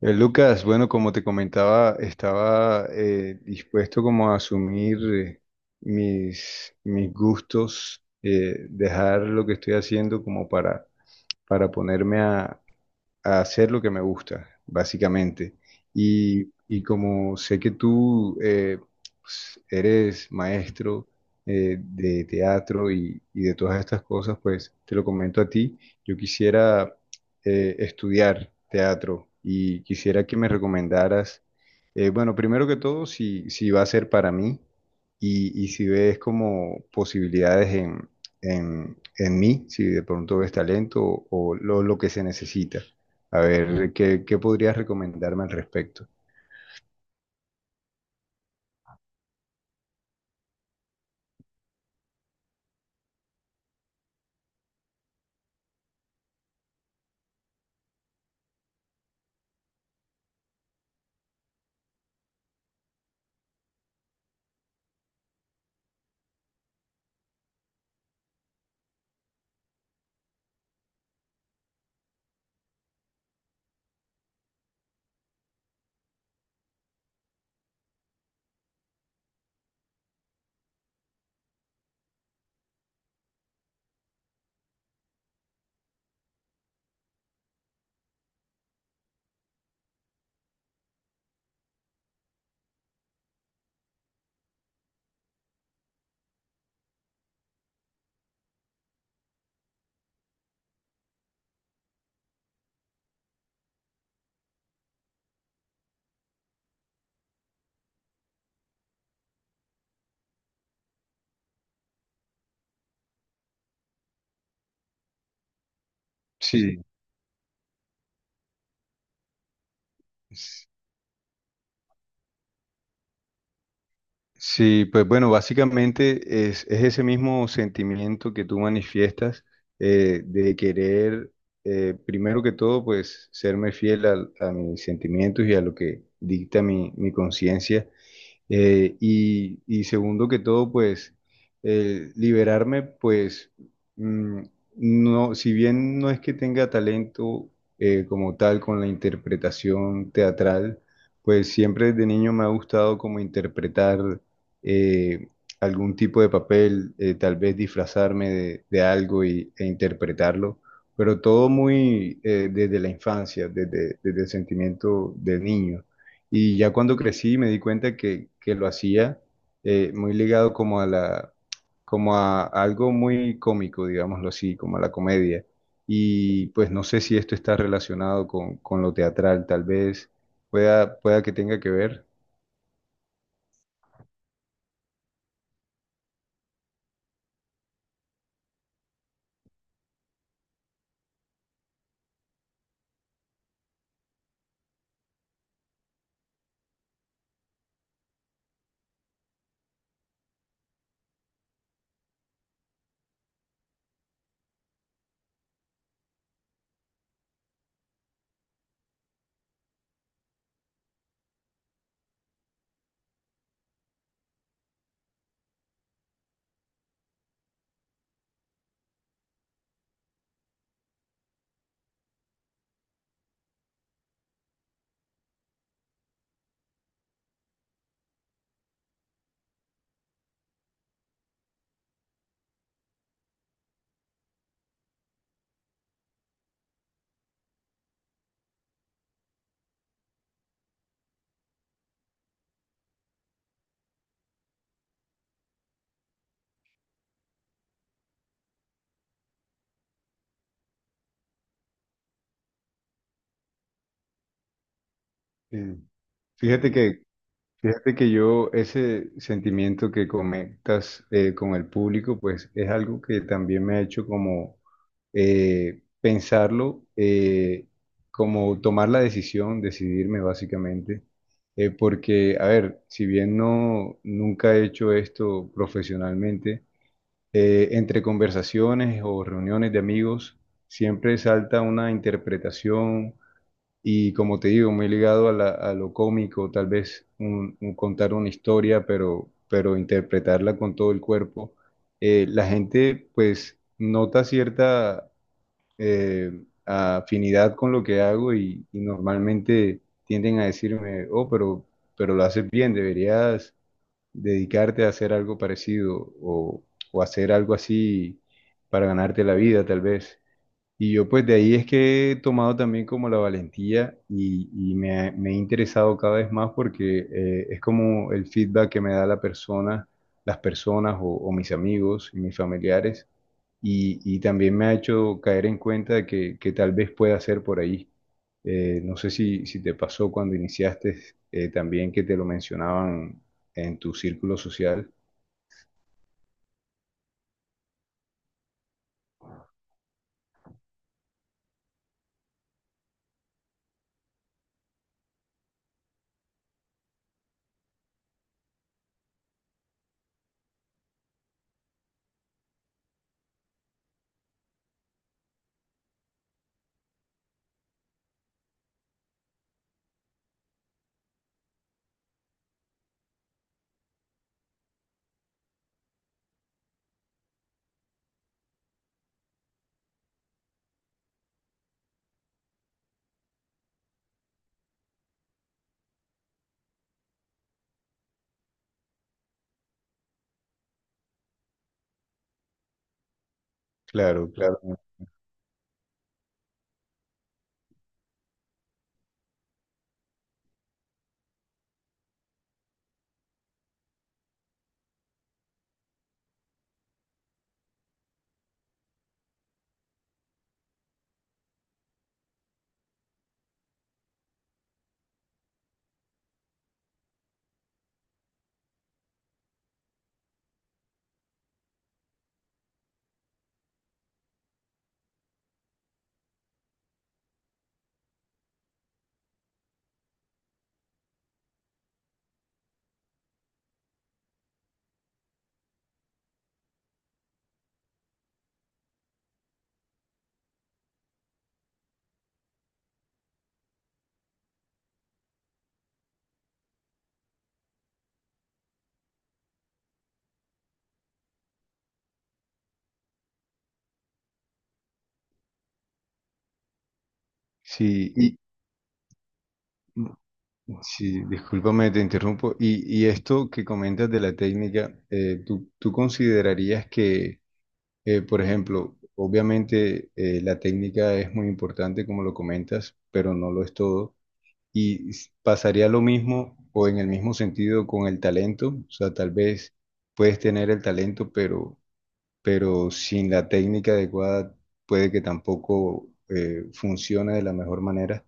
Lucas, bueno, como te comentaba, estaba dispuesto como a asumir mis gustos, dejar lo que estoy haciendo como para ponerme a hacer lo que me gusta, básicamente. Y como sé que tú pues, eres maestro de teatro y de todas estas cosas, pues te lo comento a ti. Yo quisiera estudiar teatro y quisiera que me recomendaras, bueno, primero que todo, si va a ser para mí y si ves como posibilidades en... en mí, si de pronto ves talento o lo que se necesita. A ver, ¿ qué podrías recomendarme al respecto? Sí, s- sí, pues bueno, básicamente es ese mismo sentimiento que tú manifiestas de querer, primero que todo, pues serme fiel a, mis sentimientos y a lo que dicta mi conciencia. Y segundo que todo, pues liberarme, pues, mm, no, si bien no es que tenga talento como tal con la interpretación teatral, pues siempre desde niño me ha gustado como interpretar eh, algún tipo de papel, tal vez disfrazarme de algo e interpretarlo, pero todo muy desde la infancia, desde, desde el sentimiento de niño. Y ya cuando crecí me di cuenta que lo hacía muy ligado como a la, como a algo muy cómico, digámoslo así, como a la comedia. Y pues no sé si esto está relacionado con lo teatral, tal vez pueda, pueda que tenga que ver. Eh, fíjate que, fíjate que yo ese sentimiento que conectas con el público, pues es algo que también me ha hecho como pensarlo, como tomar la decisión, decidirme básicamente, porque, a ver, si bien no, nunca he hecho esto profesionalmente, entre conversaciones o reuniones de amigos siempre salta una interpretación y como te digo, muy ligado a, a lo cómico, tal vez un contar una historia, pero interpretarla con todo el cuerpo. La gente pues nota cierta eh, afinidad con lo que hago y normalmente tienden a decirme, oh, pero lo haces bien, deberías dedicarte a hacer algo parecido o hacer algo así para ganarte la vida, tal vez. Y yo pues de ahí es que he tomado también como la valentía y me, me he interesado cada vez más porque es como el feedback que me da la persona, las personas o mis amigos y mis familiares y también me ha hecho caer en cuenta de que tal vez pueda ser por ahí. No sé si, si te pasó cuando iniciaste también que te lo mencionaban en tu círculo social. Claro, claro. Sí, y, sí, discúlpame, te interrumpo. Y esto que comentas de la técnica, ¿tú, tú considerarías que, por ejemplo, obviamente la técnica es muy importante, como lo comentas, pero no lo es todo? ¿Y pasaría lo mismo o en el mismo sentido con el talento? O sea, tal vez puedes tener el talento, pero sin la técnica adecuada puede que tampoco funcione de la mejor manera.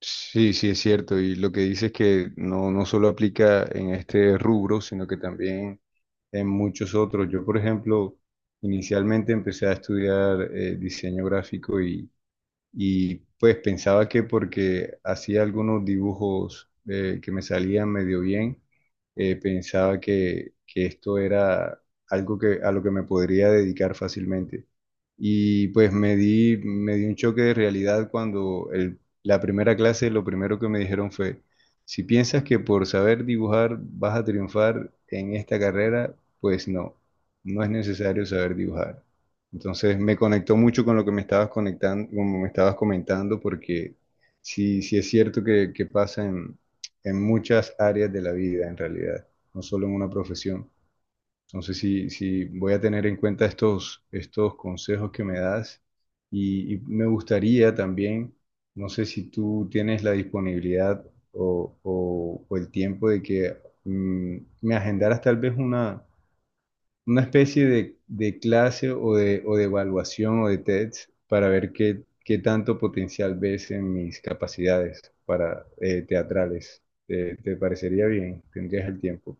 Sí, sí, es cierto. Y lo que dices que no, no solo aplica en este rubro, sino que también en muchos otros. Yo, por ejemplo, inicialmente empecé a estudiar diseño gráfico y, pues pensaba que porque hacía algunos dibujos que me salían medio bien, pensaba que esto era algo que, a lo que me podría dedicar fácilmente. Y pues me di un choque de realidad cuando la primera clase lo primero que me dijeron fue, si piensas que por saber dibujar vas a triunfar en esta carrera, pues no, no es necesario saber dibujar. Entonces me conectó mucho con lo que me estabas conectando, como me estabas comentando, porque sí, sí es cierto que pasa en muchas áreas de la vida en realidad, no solo en una profesión. Entonces, sí, sí, voy a tener en cuenta estos, estos consejos que me das y me gustaría también, no sé si tú tienes la disponibilidad o, o el tiempo de que, me agendaras tal vez una especie de clase o de evaluación o de test para ver qué, qué tanto potencial ves en mis capacidades para teatrales. ¿Te, te parecería bien? ¿Tendrías el tiempo?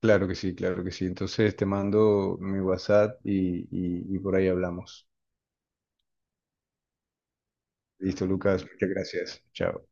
Claro que sí, claro que sí. Entonces te mando mi WhatsApp y y por ahí hablamos. Listo, Lucas, muchas gracias. Chao.